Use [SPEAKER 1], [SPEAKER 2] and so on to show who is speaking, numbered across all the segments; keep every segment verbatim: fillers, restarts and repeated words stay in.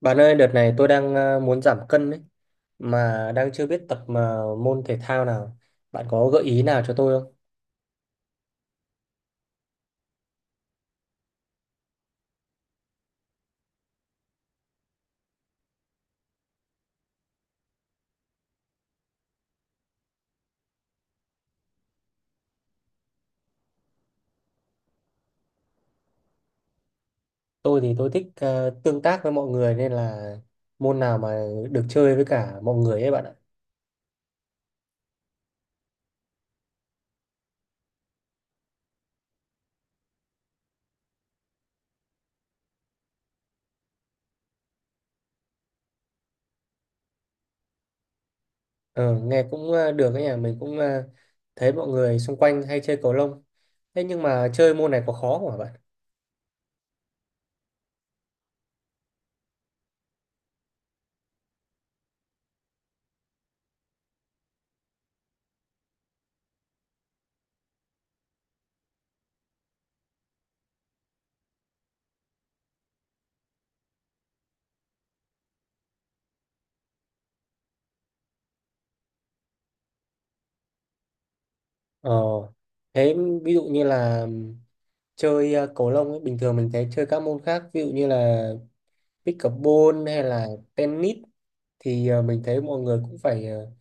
[SPEAKER 1] Bạn ơi, đợt này tôi đang ờ, muốn giảm cân ấy, mà đang chưa biết tập mà môn thể thao nào. Bạn có gợi ý nào cho tôi không? Tôi thì tôi thích ờ, tương tác với mọi người nên là môn nào mà được chơi với cả mọi người ấy bạn ạ. Ờ, nghe cũng ờ, được ấy nhỉ, mình cũng ờ, thấy mọi người xung quanh hay chơi cầu lông. Thế nhưng mà chơi môn này có khó không hả bạn? Ờ, thế ví dụ như là chơi ờ, cầu lông ấy, bình thường mình thấy chơi các môn khác, ví dụ như là pickleball hay là tennis thì ờ, mình thấy mọi người cũng phải ờ,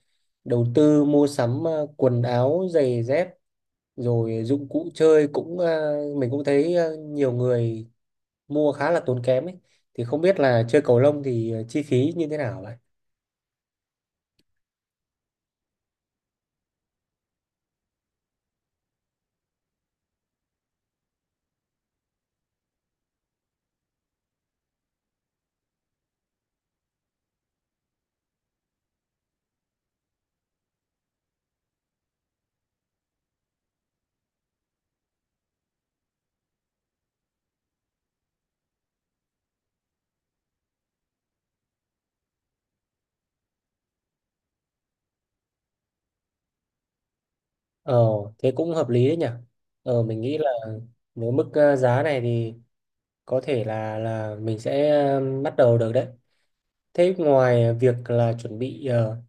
[SPEAKER 1] đầu tư mua sắm ờ, quần áo, giày dép rồi dụng cụ chơi cũng ờ, mình cũng thấy ờ, nhiều người mua khá là tốn kém ấy. Thì không biết là chơi cầu lông thì ờ, chi phí như thế nào vậy? Ờ, thế cũng hợp lý đấy nhỉ. Ờ, mình nghĩ là với mức ờ, giá này thì có thể là là mình sẽ ờ, bắt đầu được đấy. Thế ngoài việc là chuẩn bị ờ,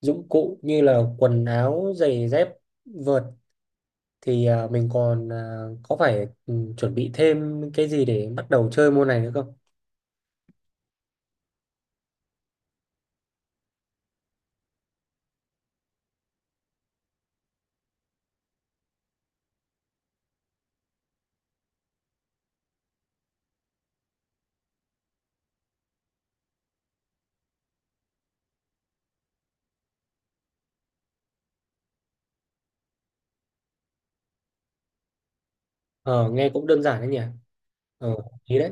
[SPEAKER 1] dụng cụ như là quần áo, giày dép, vợt thì à, mình còn à, có phải ừ, chuẩn bị thêm cái gì để bắt đầu chơi môn này nữa không? Ờ, nghe cũng đơn giản đấy nhỉ? Ờ, ý đấy.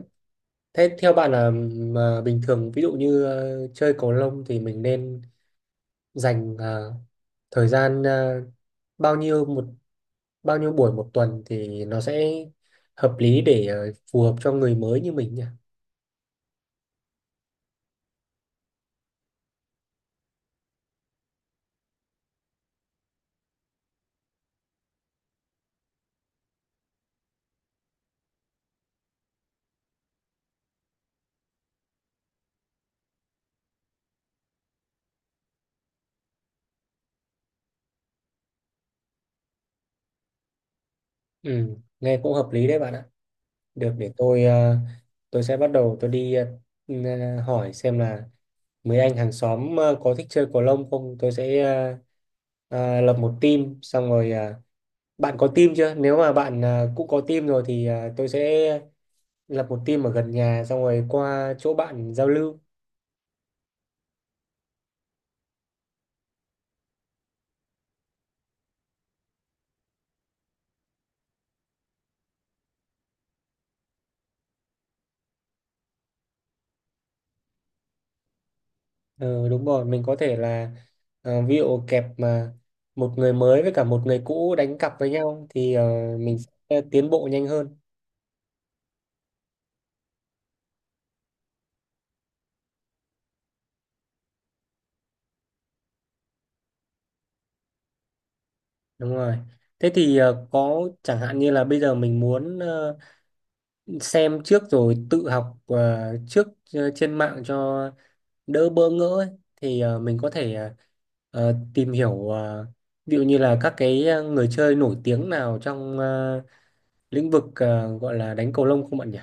[SPEAKER 1] Thế theo bạn là mà bình thường ví dụ như ờ, chơi cầu lông thì mình nên dành ờ, thời gian ờ, bao nhiêu một bao nhiêu buổi một tuần thì nó sẽ hợp lý để ờ, phù hợp cho người mới như mình nhỉ? Ừ, nghe cũng hợp lý đấy bạn ạ. Được, để tôi ờ, tôi sẽ bắt đầu tôi đi ờ, n- hỏi xem là mấy anh hàng xóm ờ, có thích chơi cầu lông không, tôi sẽ ờ, ờ, lập một team xong rồi ờ, bạn có team chưa, nếu mà bạn ờ, cũng có team rồi thì ờ, tôi sẽ lập một team ở gần nhà xong rồi qua chỗ bạn giao lưu. Ừ, đúng rồi, mình có thể là ờ, ví dụ kẹp mà một người mới với cả một người cũ đánh cặp với nhau thì ờ, mình sẽ tiến bộ nhanh hơn. Đúng rồi. Thế thì ờ, có chẳng hạn như là bây giờ mình muốn ờ, xem trước rồi tự học ờ, trước ờ, trên mạng cho đỡ bỡ ngỡ ấy. Thì ờ, mình có thể ờ, ờ, tìm hiểu ờ, ví dụ như là các cái ờ, người chơi nổi tiếng nào trong ờ, lĩnh vực ờ, gọi là đánh cầu lông không bạn nhỉ?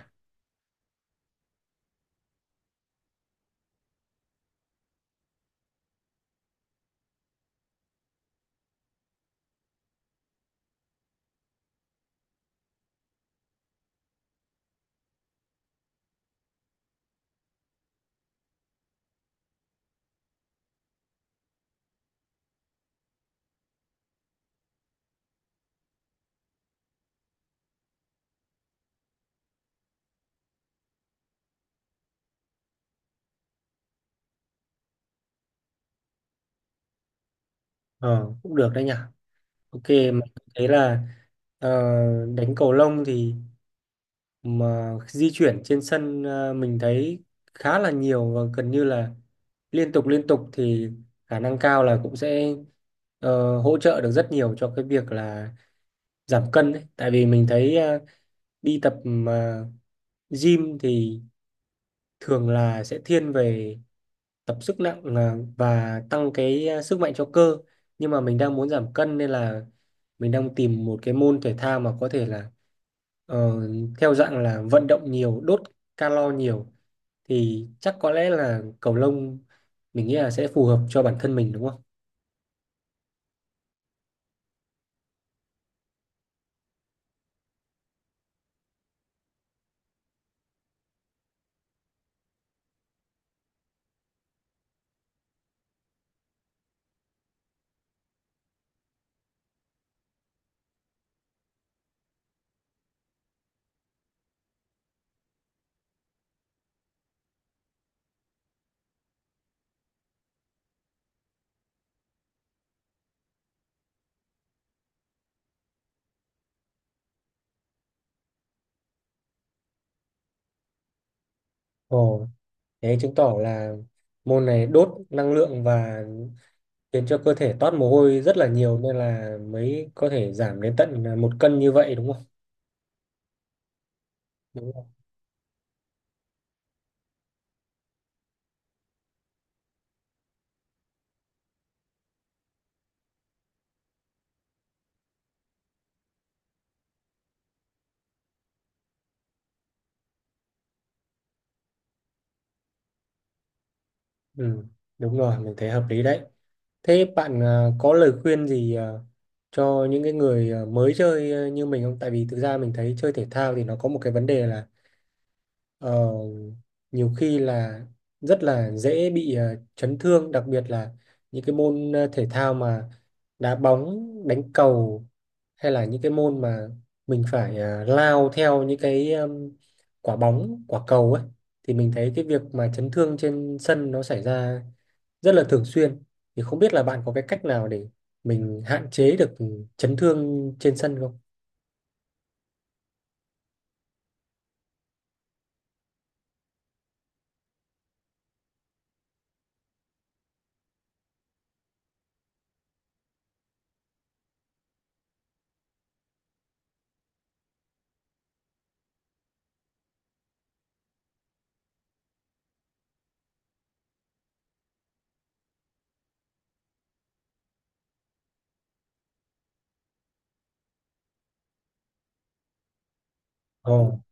[SPEAKER 1] Ờ, cũng được đấy nhỉ. Ok, mà thế là ờ, đánh cầu lông thì mà di chuyển trên sân ờ, mình thấy khá là nhiều và gần như là liên tục liên tục, thì khả năng cao là cũng sẽ ờ, hỗ trợ được rất nhiều cho cái việc là giảm cân đấy. Tại vì mình thấy ờ, đi tập mà gym thì thường là sẽ thiên về tập sức nặng là và tăng cái à, sức mạnh cho cơ, nhưng mà mình đang muốn giảm cân nên là mình đang tìm một cái môn thể thao mà có thể là ờ, theo dạng là vận động nhiều, đốt calo nhiều, thì chắc có lẽ là cầu lông mình nghĩ là sẽ phù hợp cho bản thân mình, đúng không? Ồ, thế chứng tỏ là môn này đốt năng lượng và khiến cho cơ thể toát mồ hôi rất là nhiều nên là mới có thể giảm đến tận một cân như vậy, đúng không? Ừ, đúng rồi, mình thấy hợp lý đấy. Thế bạn à, có lời khuyên gì à, cho những cái người à, mới chơi à, như mình không? Tại vì thực ra mình thấy chơi thể thao thì nó có một cái vấn đề là Ờ, nhiều khi là rất là dễ bị ờ, chấn thương, đặc biệt là những cái môn ờ, thể thao mà đá bóng, đánh cầu hay là những cái môn mà mình phải ờ, lao theo những cái ừm, quả bóng, quả cầu ấy, thì mình thấy cái việc mà chấn thương trên sân nó xảy ra rất là thường xuyên, thì không biết là bạn có cái cách nào để mình hạn chế được chấn thương trên sân không? Ồ.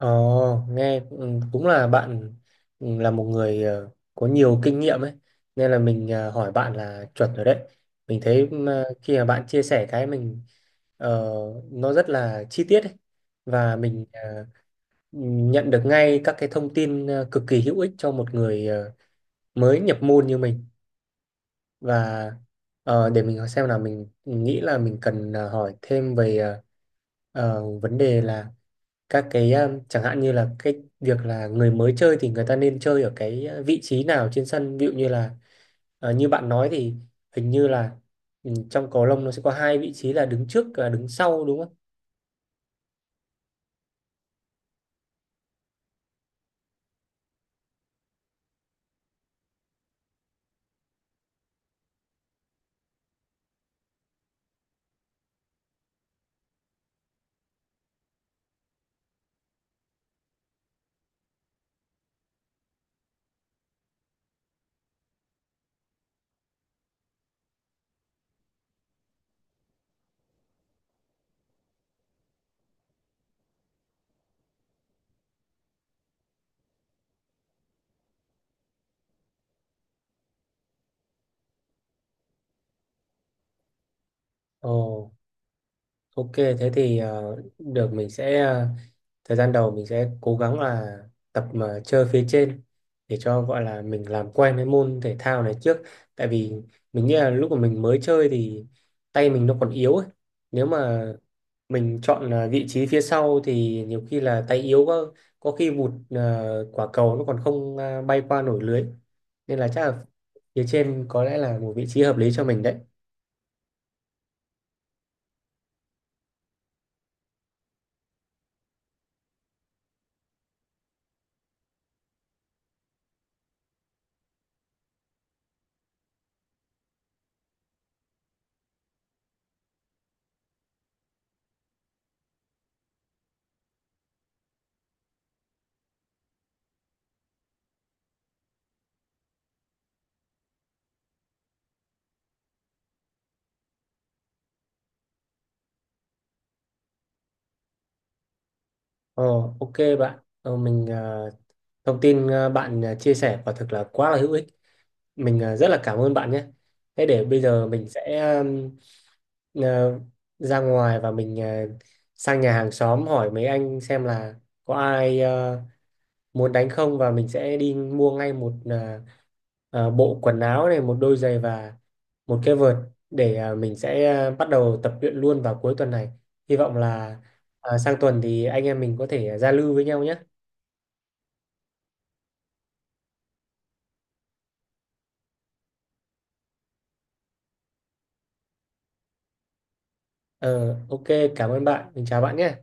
[SPEAKER 1] Ồ, nghe ừ, cũng là bạn ừ, là một người ờ, có nhiều kinh nghiệm ấy, nên là mình ờ, hỏi bạn là chuẩn rồi đấy. Mình thấy ừ, mà khi mà bạn chia sẻ cái mình ờ, nó rất là chi tiết ấy. Và mình ờ, nhận được ngay các cái thông tin ờ, cực kỳ hữu ích cho một người ờ, mới nhập môn như mình, và ờ, để mình xem là mình nghĩ là mình cần ờ, hỏi thêm về ờ, ờ, vấn đề là các cái um, chẳng hạn như là cái việc là người mới chơi thì người ta nên chơi ở cái uh, vị trí nào trên sân, ví dụ như là ờ, như bạn nói thì hình như là ừ, trong cầu lông nó sẽ có hai vị trí là đứng trước và đứng sau, đúng không? Ồ, ok thế thì ờ, được, mình sẽ ờ, thời gian đầu mình sẽ cố gắng là tập mà chơi phía trên để cho gọi là mình làm quen với môn thể thao này trước, tại vì mình nghĩ là lúc mà mình mới chơi thì tay mình nó còn yếu ấy. Nếu mà mình chọn à, vị trí phía sau thì nhiều khi là tay yếu quá, có khi vụt à, quả cầu nó còn không à, bay qua nổi lưới, nên là chắc là phía trên có lẽ là một vị trí hợp lý cho mình đấy. ờ ok bạn, ờ, mình à, thông tin à, bạn à, chia sẻ quả thực là quá là hữu ích, mình à, rất là cảm ơn bạn nhé. Thế để bây giờ mình sẽ um, à, ra ngoài và mình à, sang nhà hàng xóm hỏi mấy anh xem là có ai à, muốn đánh không, và mình sẽ đi mua ngay một à, à, bộ quần áo này, một đôi giày và một cái vợt để à, mình sẽ à, bắt đầu tập luyện luôn vào cuối tuần này, hy vọng là à, sang tuần thì anh em mình có thể à, giao lưu với nhau nhé. ờ ok, cảm ơn bạn, mình chào bạn nhé.